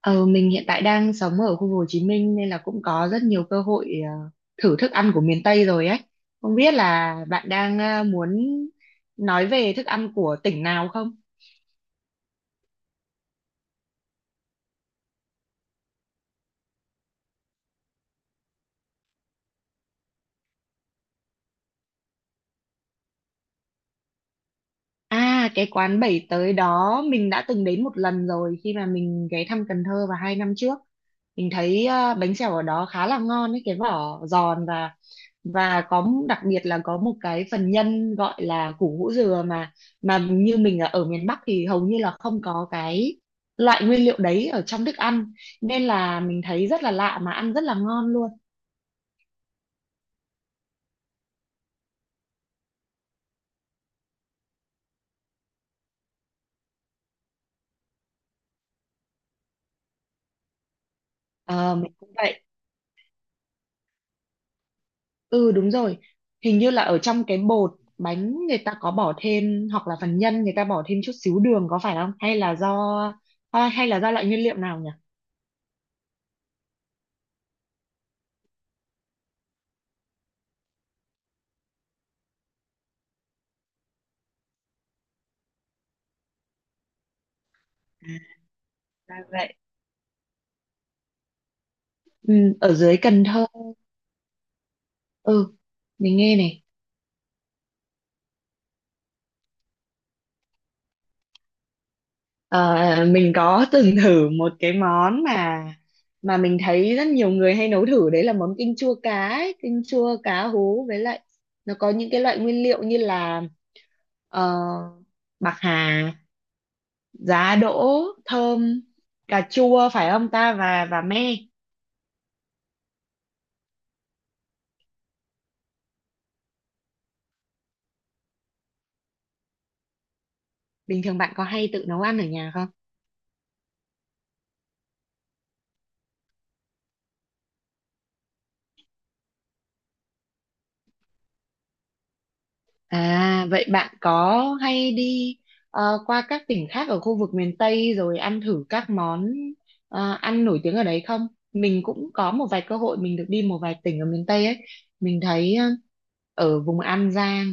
Ờ, mình hiện tại đang sống ở khu Hồ Chí Minh nên là cũng có rất nhiều cơ hội, thử thức ăn của miền Tây rồi ấy. Không biết là bạn đang muốn nói về thức ăn của tỉnh nào không? À, cái quán bảy tới đó mình đã từng đến một lần rồi khi mà mình ghé thăm Cần Thơ vào hai năm trước. Mình thấy bánh xèo ở đó khá là ngon ấy, cái vỏ giòn và có đặc biệt là có một cái phần nhân gọi là củ hũ dừa mà như mình ở ở miền Bắc thì hầu như là không có cái loại nguyên liệu đấy ở trong thức ăn nên là mình thấy rất là lạ mà ăn rất là ngon luôn. Ờ, mình cũng vậy. Ừ đúng rồi, hình như là ở trong cái bột bánh người ta có bỏ thêm hoặc là phần nhân người ta bỏ thêm chút xíu đường có phải không? Hay là do, hay là do loại nguyên liệu nào nhỉ? À, ra vậy. Ừ, ở dưới Cần Thơ, ừ mình nghe này. Ờ, mình có từng thử một cái món mà mình thấy rất nhiều người hay nấu thử đấy là món kinh chua cá ấy. Kinh chua cá hú với lại nó có những cái loại nguyên liệu như là ờ, bạc hà, giá đỗ thơm, cà chua phải không ta và me. Bình thường bạn có hay tự nấu ăn ở nhà không? À, vậy bạn có hay đi qua các tỉnh khác ở khu vực miền Tây rồi ăn thử các món ăn nổi tiếng ở đấy không? Mình cũng có một vài cơ hội mình được đi một vài tỉnh ở miền Tây ấy. Mình thấy ở vùng An Giang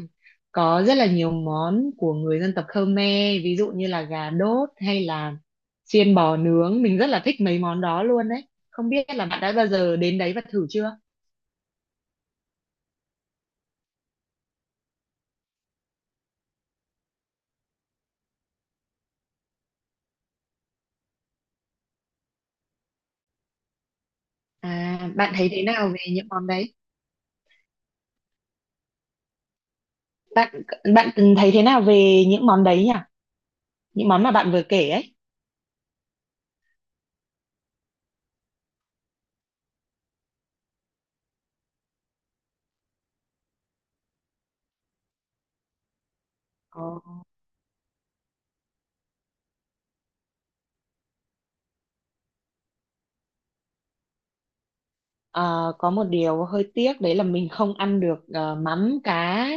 có rất là nhiều món của người dân tộc Khmer, ví dụ như là gà đốt hay là xiên bò nướng. Mình rất là thích mấy món đó luôn đấy. Không biết là bạn đã bao giờ đến đấy và thử chưa? À, bạn thấy thế nào về những món đấy? Bạn bạn thấy thế nào về những món đấy nhỉ? Những món mà bạn vừa kể ấy. Ờ, ờ, có một điều hơi tiếc đấy là mình không ăn được mắm cá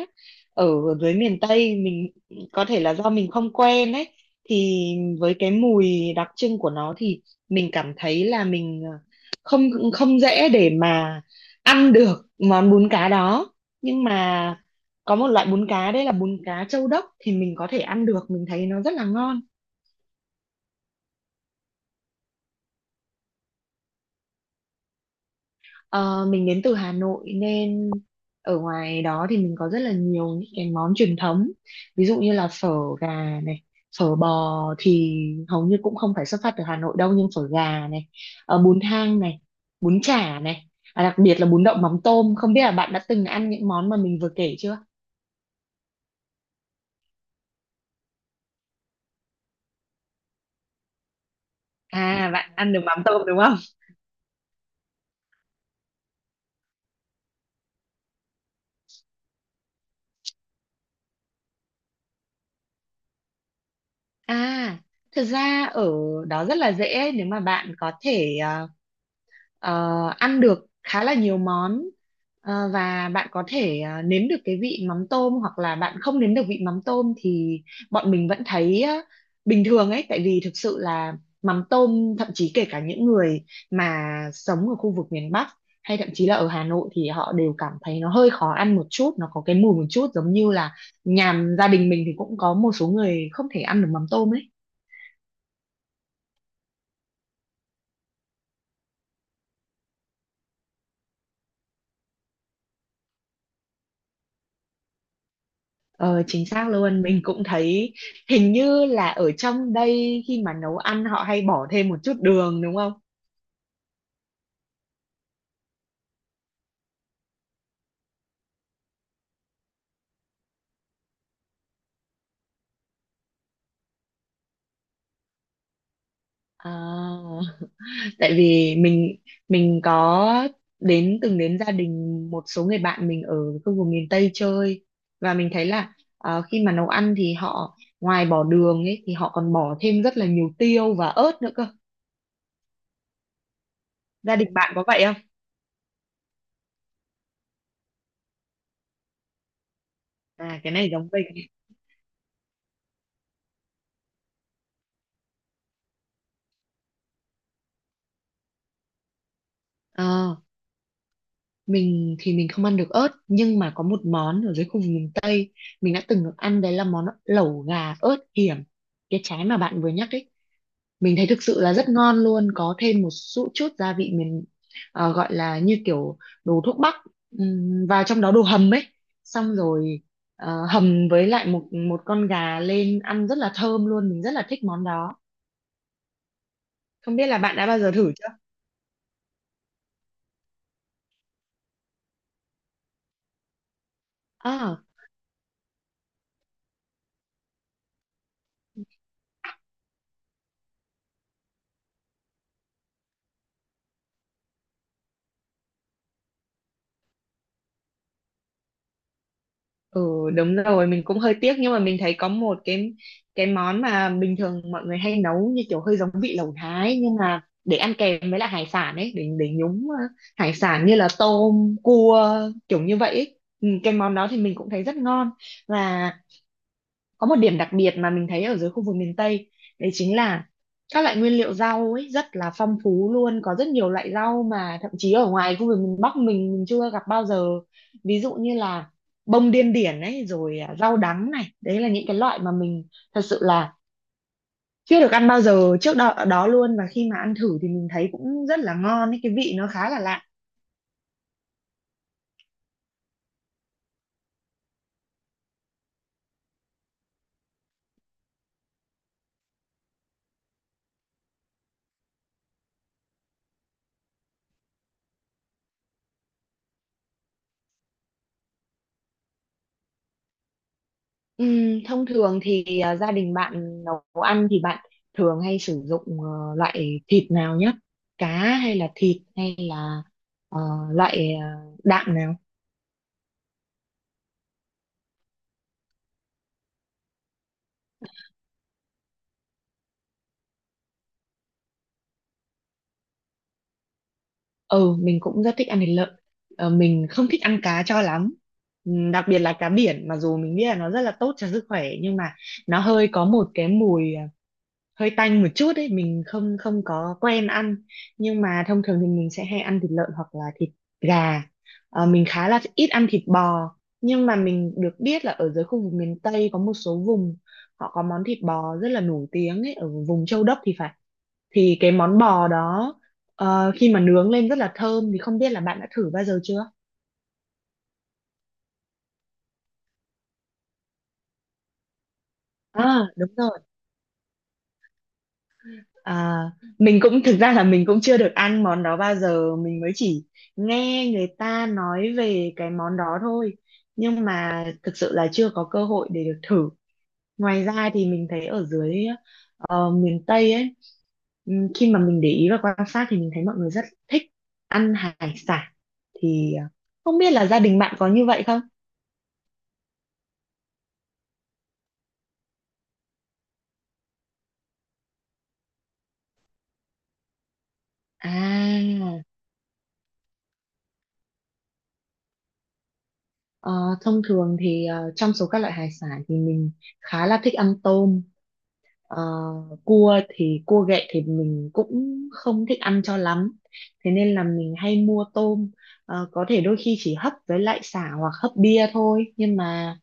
ở dưới miền Tây mình, có thể là do mình không quen ấy, thì với cái mùi đặc trưng của nó thì mình cảm thấy là mình không không dễ để mà ăn được món bún cá đó. Nhưng mà có một loại bún cá đấy là bún cá châu đốc thì mình có thể ăn được, mình thấy nó rất là ngon. Ờ, mình đến từ Hà Nội nên ở ngoài đó thì mình có rất là nhiều những cái món truyền thống, ví dụ như là phở gà này, phở bò thì hầu như cũng không phải xuất phát từ Hà Nội đâu, nhưng phở gà này, bún thang này, bún chả này, à, đặc biệt là bún đậu mắm tôm, không biết là bạn đã từng ăn những món mà mình vừa kể chưa? À, bạn ăn được mắm tôm đúng không? À, thực ra ở đó rất là dễ nếu mà bạn có thể ờ, ăn được khá là nhiều món. Ờ, và bạn có thể nếm được cái vị mắm tôm hoặc là bạn không nếm được vị mắm tôm thì bọn mình vẫn thấy bình thường ấy, tại vì thực sự là mắm tôm thậm chí kể cả những người mà sống ở khu vực miền Bắc hay thậm chí là ở Hà Nội thì họ đều cảm thấy nó hơi khó ăn một chút, nó có cái mùi một chút giống như là nhà gia đình mình thì cũng có một số người không thể ăn được mắm tôm ấy. Ờ, chính xác luôn, mình cũng thấy hình như là ở trong đây khi mà nấu ăn họ hay bỏ thêm một chút đường đúng không? À, tại vì mình có từng đến gia đình một số người bạn mình ở khu vực miền Tây chơi và mình thấy là khi mà nấu ăn thì họ ngoài bỏ đường ấy thì họ còn bỏ thêm rất là nhiều tiêu và ớt nữa cơ. Gia đình bạn có vậy không? À, cái này giống mình. Mình thì mình không ăn được ớt nhưng mà có một món ở dưới khu vực miền Tây mình đã từng được ăn đấy là món lẩu gà ớt hiểm. Cái trái mà bạn vừa nhắc ấy, mình thấy thực sự là rất ngon luôn, có thêm một chút chút gia vị mình gọi là như kiểu đồ thuốc bắc, và trong đó đồ hầm ấy. Xong rồi hầm với lại một một con gà lên ăn rất là thơm luôn, mình rất là thích món đó. Không biết là bạn đã bao giờ thử chưa? Ừ đúng rồi, mình cũng hơi tiếc nhưng mà mình thấy có một cái món mà bình thường mọi người hay nấu như kiểu hơi giống vị lẩu Thái nhưng mà để ăn kèm với lại hải sản ấy, để nhúng hải sản như là tôm cua, kiểu như vậy ấy. Ừ, cái món đó thì mình cũng thấy rất ngon và có một điểm đặc biệt mà mình thấy ở dưới khu vực miền Tây đấy chính là các loại nguyên liệu rau ấy rất là phong phú luôn, có rất nhiều loại rau mà thậm chí ở ngoài khu vực miền Bắc mình chưa gặp bao giờ, ví dụ như là bông điên điển ấy rồi à, rau đắng này, đấy là những cái loại mà mình thật sự là chưa được ăn bao giờ trước đó, đó luôn, và khi mà ăn thử thì mình thấy cũng rất là ngon ấy, cái vị nó khá là lạ. Thông thường thì à, gia đình bạn nấu ăn thì bạn thường hay sử dụng loại thịt nào nhất? Cá hay là thịt hay là ờ, loại đạm nào? Ừ, mình cũng rất thích ăn thịt lợn. Ờ, mình không thích ăn cá cho lắm. Đặc biệt là cá biển, mặc dù mình biết là nó rất là tốt cho sức khỏe nhưng mà nó hơi có một cái mùi, hơi tanh một chút ấy, mình không không có quen ăn. Nhưng mà thông thường thì mình sẽ hay ăn thịt lợn hoặc là thịt gà. Ờ, mình khá là ít ăn thịt bò, nhưng mà mình được biết là ở dưới khu vực miền Tây có một số vùng họ có món thịt bò rất là nổi tiếng ấy, ở vùng Châu Đốc thì phải. Thì cái món bò đó, ờ, khi mà nướng lên rất là thơm, thì không biết là bạn đã thử bao giờ chưa? À, đúng rồi. À, mình cũng thực ra là mình cũng chưa được ăn món đó bao giờ, mình mới chỉ nghe người ta nói về cái món đó thôi nhưng mà thực sự là chưa có cơ hội để được thử. Ngoài ra thì mình thấy ở dưới miền Tây ấy, khi mà mình để ý và quan sát thì mình thấy mọi người rất thích ăn hải sản, thì không biết là gia đình bạn có như vậy không? À. Ờ, Thông thường thì trong số các loại hải sản thì mình khá là thích ăn tôm. Ờ, cua thì cua ghẹ thì mình cũng không thích ăn cho lắm. Thế nên là mình hay mua tôm. Ờ, có thể đôi khi chỉ hấp với lại sả hoặc hấp bia thôi. Nhưng mà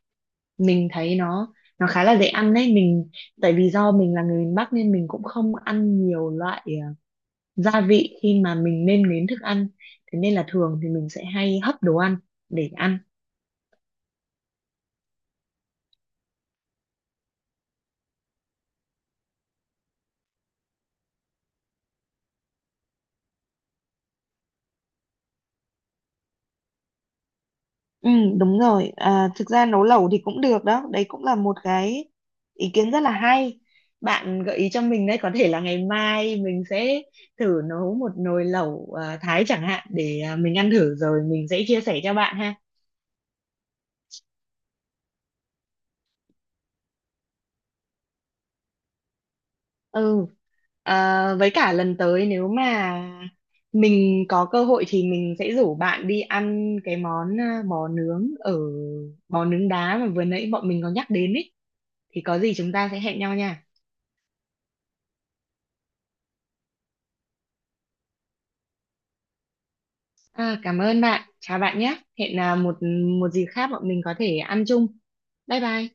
mình thấy nó khá là dễ ăn đấy. Mình tại vì do mình là người miền Bắc nên mình cũng không ăn nhiều loại gia vị khi mà mình nêm nếm thức ăn. Thế nên là thường thì mình sẽ hay hấp đồ ăn để ăn. Ừ, đúng rồi. À, thực ra nấu lẩu thì cũng được đó. Đấy cũng là một cái ý kiến rất là hay. Bạn gợi ý cho mình đấy, có thể là ngày mai mình sẽ thử nấu một nồi lẩu Thái chẳng hạn để à, mình ăn thử rồi mình sẽ chia sẻ cho bạn ha. Ừ, à, với cả lần tới nếu mà mình có cơ hội thì mình sẽ rủ bạn đi ăn cái món bò nướng ở bò nướng đá mà vừa nãy bọn mình có nhắc đến ấy. Thì có gì chúng ta sẽ hẹn nhau nha. À, cảm ơn bạn. Chào bạn nhé. Hẹn một một dịp khác bọn mình có thể ăn chung. Bye bye.